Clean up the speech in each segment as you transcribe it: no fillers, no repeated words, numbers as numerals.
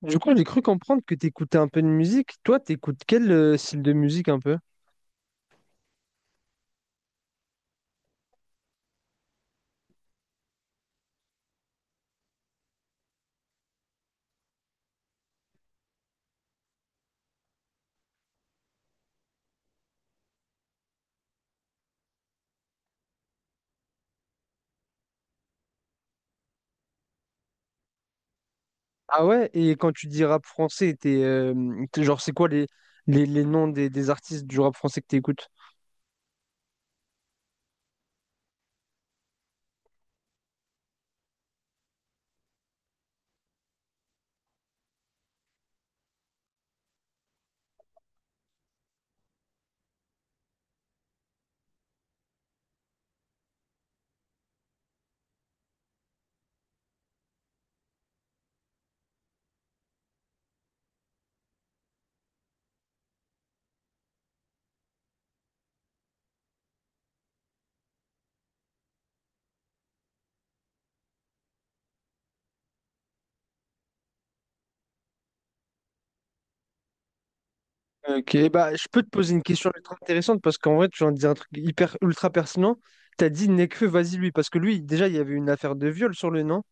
Du coup, j'ai cru comprendre que t'écoutais un peu de musique. Toi, t'écoutes quel style de musique un peu? Ah ouais, et quand tu dis rap français, genre c'est quoi les noms des artistes du rap français que t'écoutes? Ok, bah je peux te poser une question ultra intéressante parce qu'en vrai, tu viens de dire un truc hyper ultra pertinent. T'as dit Nekfeu, vas-y lui, parce que lui, déjà, il y avait une affaire de viol sur le nom.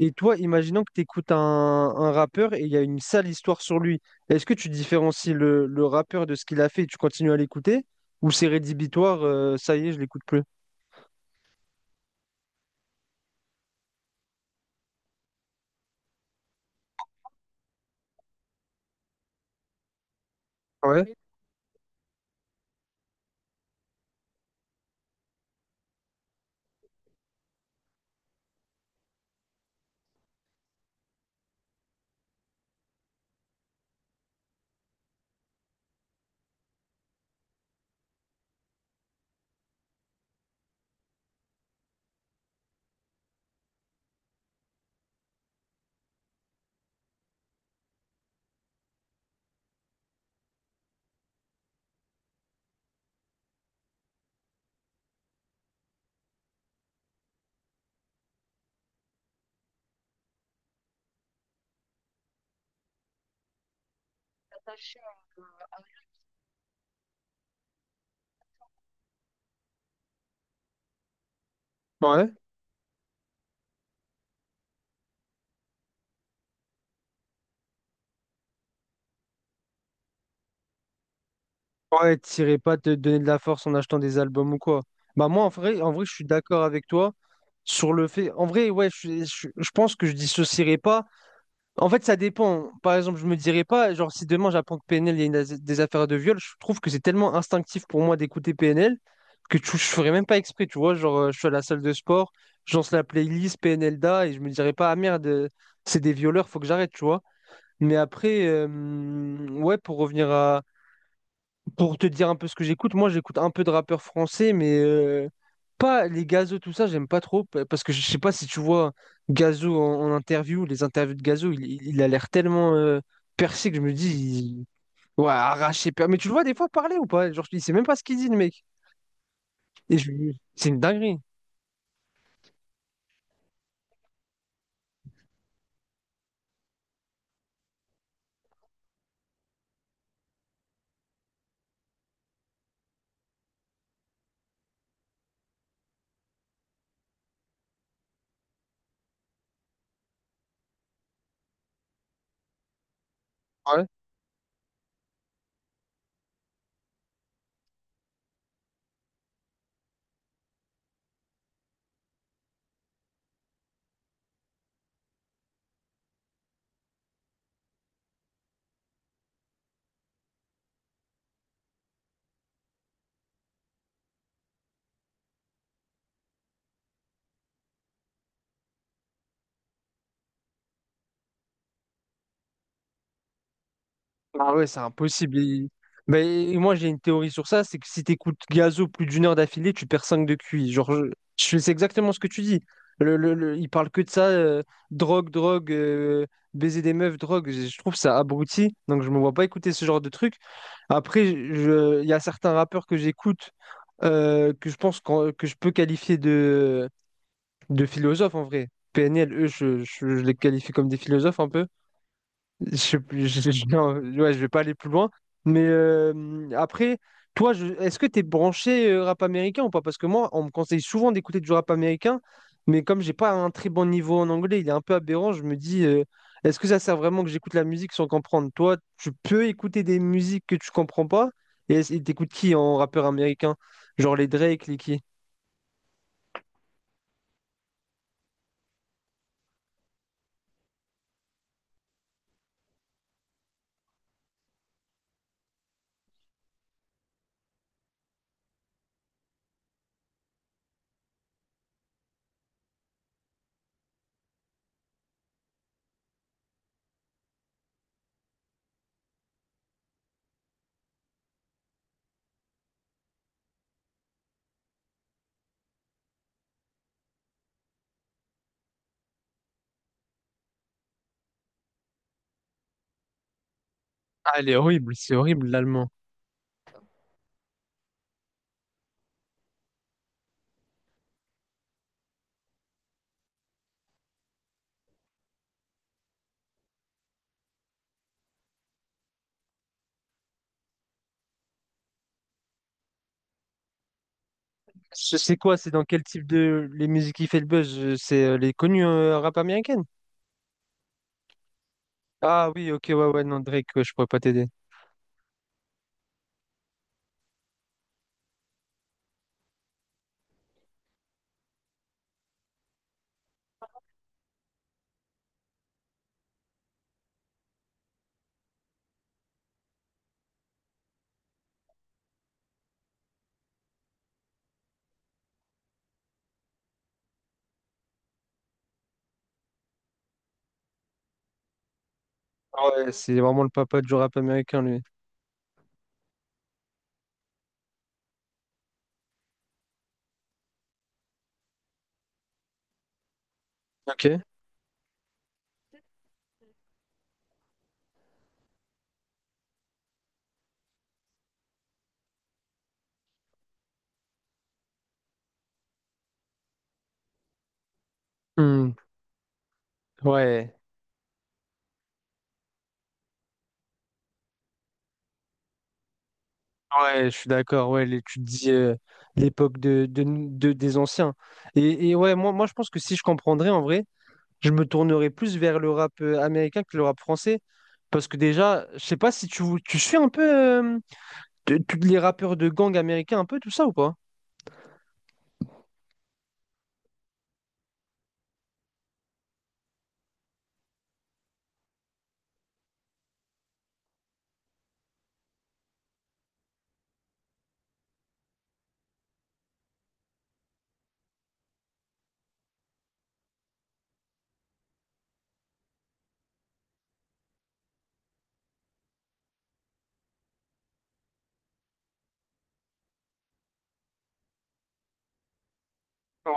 Et toi, imaginons que tu écoutes un rappeur et il y a une sale histoire sur lui. Est-ce que tu différencies le rappeur de ce qu'il a fait et tu continues à l'écouter? Ou c'est rédhibitoire, ça y est, je l'écoute plus? Ouais, ouais. Ouais, t'irais pas te donner de la force en achetant des albums ou quoi. Bah moi, en vrai, je suis d'accord avec toi sur le fait. En vrai, ouais, je pense que je dissocierais pas. En fait, ça dépend. Par exemple, je me dirais pas, genre, si demain j'apprends que PNL, il y a une des affaires de viol, je trouve que c'est tellement instinctif pour moi d'écouter PNL que je ferais même pas exprès, tu vois. Genre, je suis à la salle de sport, je lance la playlist PNL Da et je me dirais pas, ah merde, c'est des violeurs, faut que j'arrête, tu vois. Mais après, ouais, pour te dire un peu ce que j'écoute, moi j'écoute un peu de rappeurs français, mais pas les Gazo, tout ça, j'aime pas trop. Parce que je sais pas si tu vois Gazo en interview, les interviews de Gazo, il a l'air tellement percé que je me dis, ouais, arraché. Mais tu le vois des fois parler ou pas? Genre, il sait même pas ce qu'il dit, le mec. Et je- c'est une dinguerie. Ah ouais, c'est impossible. Mais moi, j'ai une théorie sur ça, c'est que si t'écoutes Gazo plus d'une heure d'affilée, tu perds 5 de QI. Genre, c'est exactement ce que tu dis. Il parle que de ça, drogue, drogue, baiser des meufs, drogue. Je trouve ça abruti, donc je me vois pas écouter ce genre de truc. Après, il y a certains rappeurs que j'écoute que je pense que je peux qualifier de philosophes en vrai. PNL, eux, je les qualifie comme des philosophes un peu. Je sais plus, non, ouais, je vais pas aller plus loin. Mais après, toi, est-ce que tu es branché rap américain ou pas? Parce que moi, on me conseille souvent d'écouter du rap américain, mais comme j'ai pas un très bon niveau en anglais, il est un peu aberrant, je me dis, est-ce que ça sert vraiment que j'écoute la musique sans comprendre? Toi, tu peux écouter des musiques que tu comprends pas, et et t'écoutes qui en rappeur américain? Genre les Drake, les qui? Ah, elle est horrible, c'est horrible l'allemand. Je sais quoi, c'est dans quel type de les musiques qui fait le buzz? C'est les connus rap américaines? Ah oui, ok, ouais, ouais, non, Drake, ouais, je pourrais pas t'aider. Ah ouais, c'est vraiment le papa du rap américain, lui. Ok. Hmm, ouais, ouais, je suis d'accord, ouais, tu te dis l'époque des anciens. Et ouais, moi, je pense que si je comprendrais, en vrai, je me tournerais plus vers le rap américain que le rap français. Parce que déjà, je sais pas si tu suis un peu euh, tous les rappeurs de gang américains, un peu tout ça ou pas?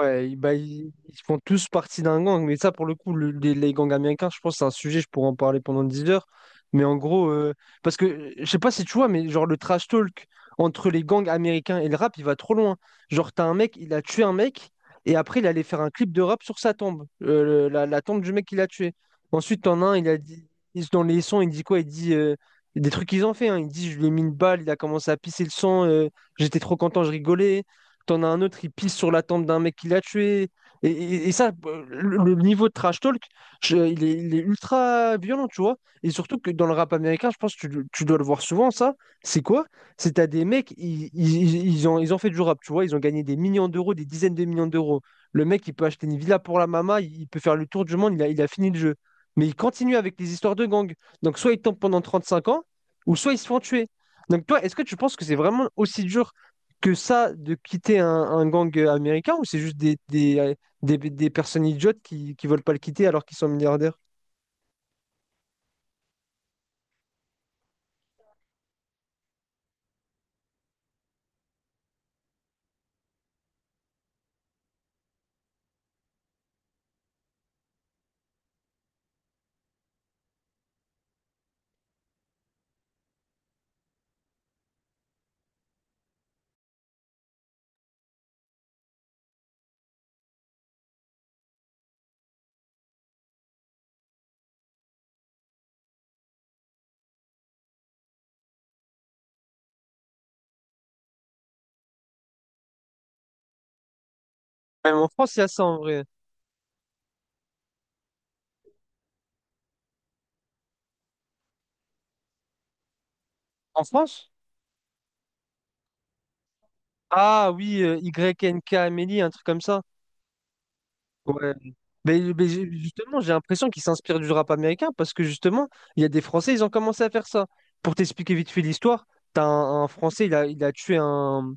Ouais, bah, ils font tous partie d'un gang, mais ça, pour le coup, les gangs américains, je pense que c'est un sujet, je pourrais en parler pendant 10 heures. Mais en gros, parce que je sais pas si tu vois, mais genre le trash talk entre les gangs américains et le rap, il va trop loin. Genre, t'as un mec, il a tué un mec, et après, il allait faire un clip de rap sur sa tombe, la tombe du mec qu'il a tué. Ensuite, t'en as un, il a dit, dans les sons, il dit quoi? Il dit des trucs qu'ils ont fait, hein. Il dit, je lui ai mis une balle, il a commencé à pisser le sang, j'étais trop content, je rigolais. T'en as un autre, il pisse sur la tente d'un mec qui l'a tué. Et ça, le niveau de trash talk, il est ultra violent, tu vois. Et surtout que dans le rap américain, je pense que tu dois le voir souvent, ça. C'est quoi? C'est t'as des mecs, ils ont fait du rap, tu vois. Ils ont gagné des millions d'euros, des dizaines de millions d'euros. Le mec, il peut acheter une villa pour la mama, il peut faire le tour du monde, il a fini le jeu. Mais il continue avec les histoires de gang. Donc soit il tombe pendant 35 ans, ou soit ils se font tuer. Donc toi, est-ce que tu penses que c'est vraiment aussi dur que ça de quitter un gang américain ou c'est juste des personnes idiotes qui ne veulent pas le quitter alors qu'ils sont milliardaires? Même en France, il y a ça en vrai. En France? Ah oui, YNK Amélie, un truc comme ça. Ouais. Mais justement, j'ai l'impression qu'ils s'inspirent du rap américain parce que justement, il y a des Français, ils ont commencé à faire ça. Pour t'expliquer vite fait l'histoire, t'as un Français, il a tué un,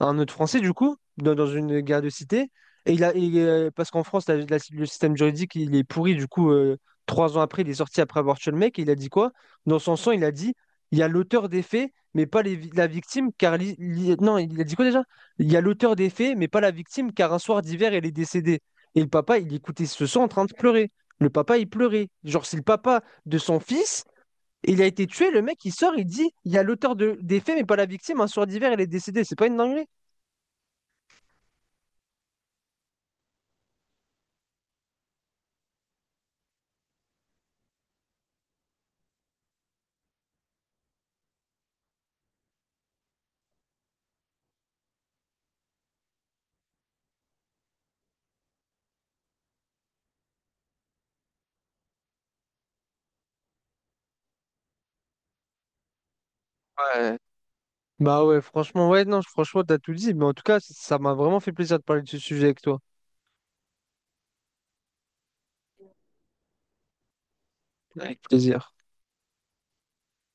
un autre Français, du coup, dans une guerre de cité. Parce qu'en France, le système juridique, il est pourri. Du coup, 3 ans après, il est sorti après avoir tué le mec. Et il a dit quoi? Dans son sang, il a dit, il y a l'auteur des faits, mais pas la victime, car... non, il a dit quoi déjà? Il y a l'auteur des faits, mais pas la victime, car un soir d'hiver, elle est décédée. Et le papa, il écoutait ce sang en train de pleurer. Le papa, il pleurait. Genre, c'est le papa de son fils. Il a été tué, le mec il sort, il dit, il y a l'auteur des faits, mais pas la victime, un soir d'hiver, elle est décédée. C'est pas une dinguerie? Ouais. Bah ouais, franchement, ouais, non, franchement, t'as tout dit. Mais en tout cas, ça m'a vraiment fait plaisir de parler de ce sujet avec toi. Avec plaisir.